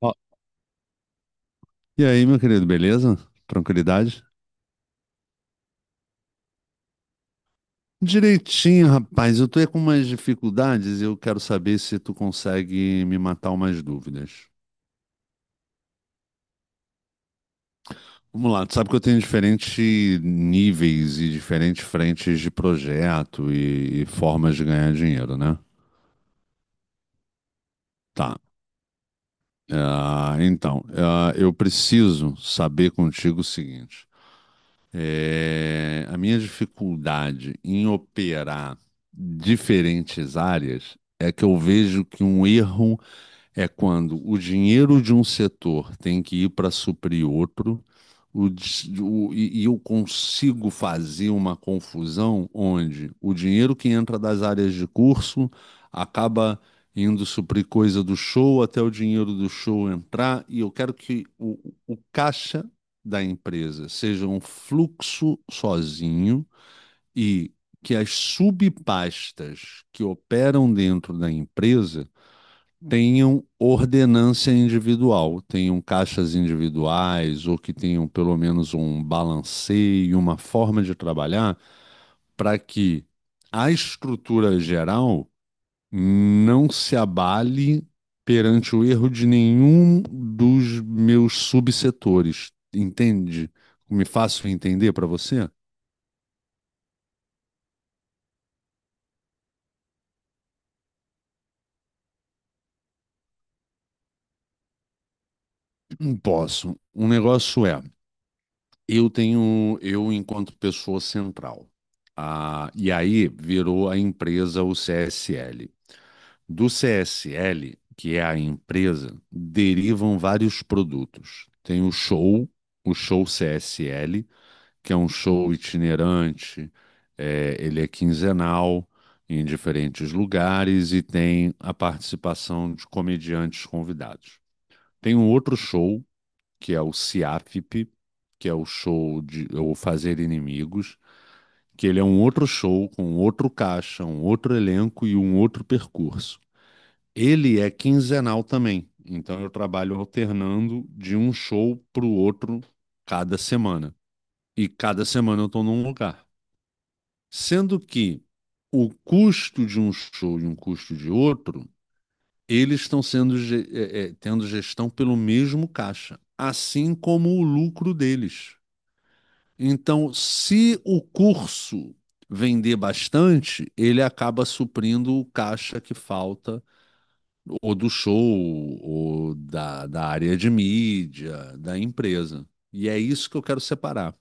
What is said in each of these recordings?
Ó, e aí, meu querido, beleza? Tranquilidade? Direitinho, rapaz. Eu tô aí com umas dificuldades e eu quero saber se tu consegue me matar umas dúvidas. Vamos lá, tu sabe que eu tenho diferentes níveis e diferentes frentes de projeto e formas de ganhar dinheiro, né? Tá. Então, eu preciso saber contigo o seguinte. É, a minha dificuldade em operar diferentes áreas é que eu vejo que um erro é quando o dinheiro de um setor tem que ir para suprir outro, o dis- o- e eu consigo fazer uma confusão onde o dinheiro que entra das áreas de curso acaba indo suprir coisa do show até o dinheiro do show entrar, e eu quero que o caixa da empresa seja um fluxo sozinho e que as subpastas que operam dentro da empresa tenham ordenância individual, tenham caixas individuais ou que tenham pelo menos um balanceio, uma forma de trabalhar, para que a estrutura geral não se abale perante o erro de nenhum dos meus subsetores. Entende? Me faço entender para você? Não posso. Um negócio é. Eu enquanto pessoa central. E aí virou a empresa o CSL. Do CSL, que é a empresa, derivam vários produtos. Tem o show CSL, que é um show itinerante, ele é quinzenal em diferentes lugares e tem a participação de comediantes convidados. Tem um outro show que é o CIAFP, que é o show de ou Fazer Inimigos, que ele é um outro show com outro caixa, um outro elenco e um outro percurso. Ele é quinzenal também, então eu trabalho alternando de um show para o outro cada semana. E cada semana eu estou num lugar. Sendo que o custo de um show e um custo de outro, eles estão sendo tendo gestão pelo mesmo caixa, assim como o lucro deles. Então, se o curso vender bastante, ele acaba suprindo o caixa que falta, ou do show, ou da área de mídia, da empresa. E é isso que eu quero separar.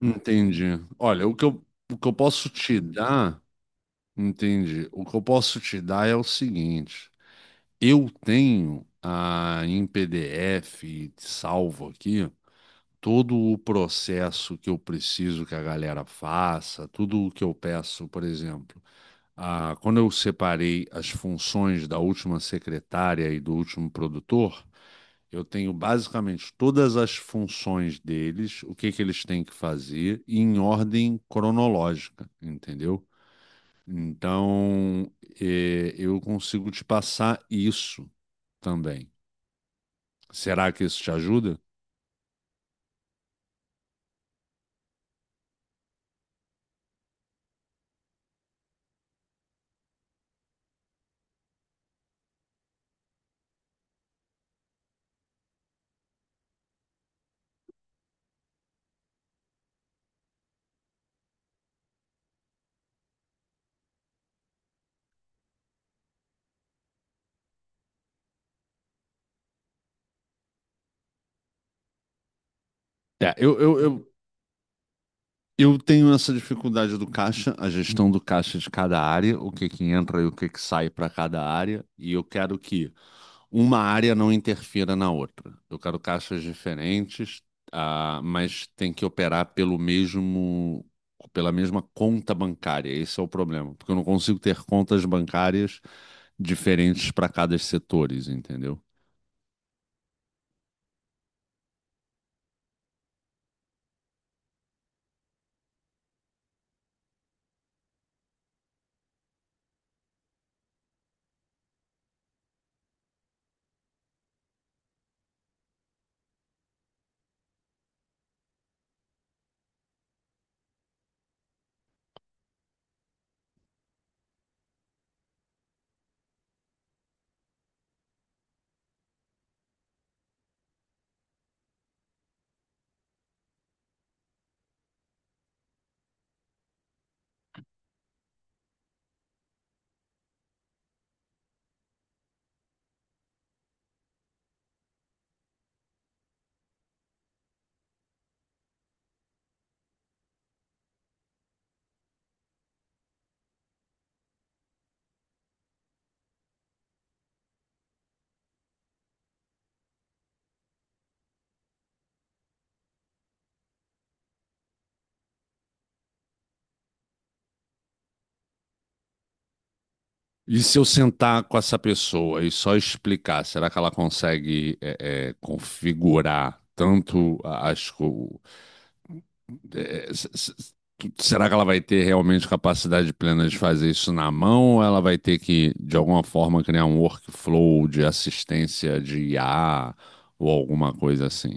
Entendi. Olha, o que eu posso te dar, entendi. O que eu posso te dar é o seguinte: eu tenho, em PDF salvo aqui todo o processo que eu preciso que a galera faça, tudo o que eu peço, por exemplo, quando eu separei as funções da última secretária e do último produtor, eu tenho basicamente todas as funções deles, o que que eles têm que fazer, em ordem cronológica, entendeu? Então, eu consigo te passar isso também. Será que isso te ajuda? É, eu, eu, eu Eu tenho essa dificuldade do caixa, a gestão do caixa de cada área, o que que entra e o que que sai para cada área, e eu quero que uma área não interfira na outra. Eu quero caixas diferentes, mas tem que operar pela mesma conta bancária. Esse é o problema, porque eu não consigo ter contas bancárias diferentes para cada setores, entendeu? E se eu sentar com essa pessoa e só explicar, será que ela consegue, configurar as coisas? é, s- s- Será que ela vai ter realmente capacidade plena de fazer isso na mão ou ela vai ter que, de alguma forma, criar um workflow de assistência de IA ou alguma coisa assim?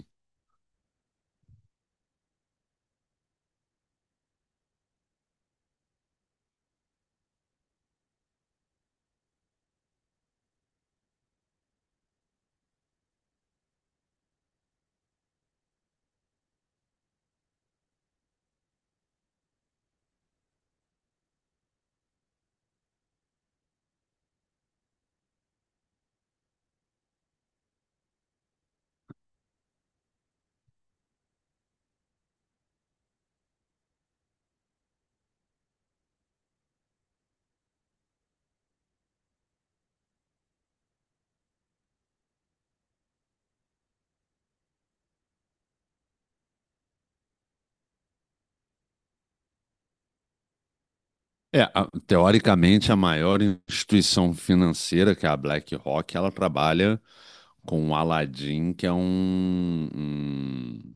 É, teoricamente, a maior instituição financeira, que é a BlackRock, ela trabalha com o Aladdin, que é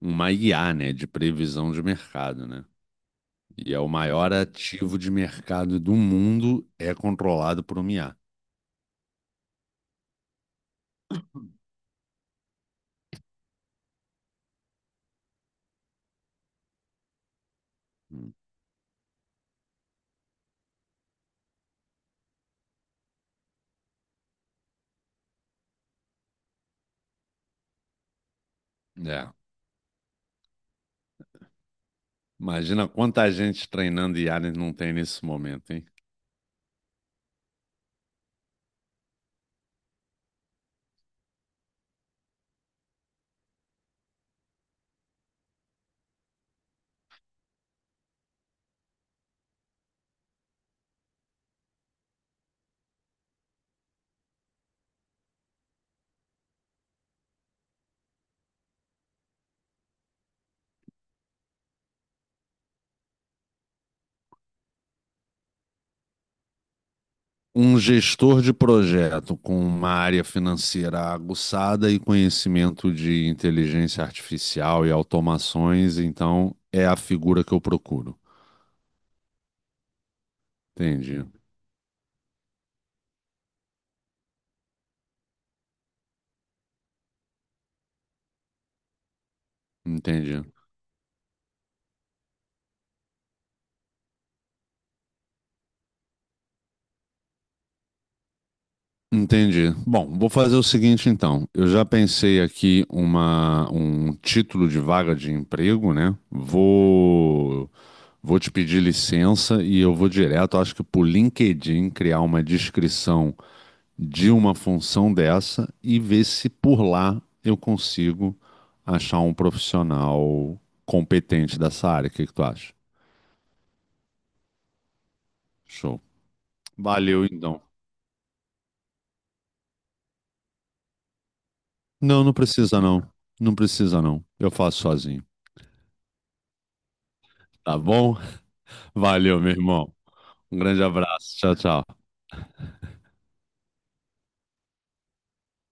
uma IA, né, de previsão de mercado, né? E é o maior ativo de mercado do mundo, é controlado por uma IA. É. Imagina quanta gente treinando IA não tem nesse momento, hein? Um gestor de projeto com uma área financeira aguçada e conhecimento de inteligência artificial e automações, então é a figura que eu procuro. Entendi, entendi, entendi. Bom, vou fazer o seguinte então. Eu já pensei aqui um título de vaga de emprego, né? Vou te pedir licença e eu vou direto, acho que por LinkedIn, criar uma descrição de uma função dessa e ver se por lá eu consigo achar um profissional competente dessa área. O que que tu acha? Show. Valeu, então. Não, não precisa não. Não precisa não. Eu faço sozinho, tá bom? Valeu, meu irmão. Um grande abraço. Tchau, tchau.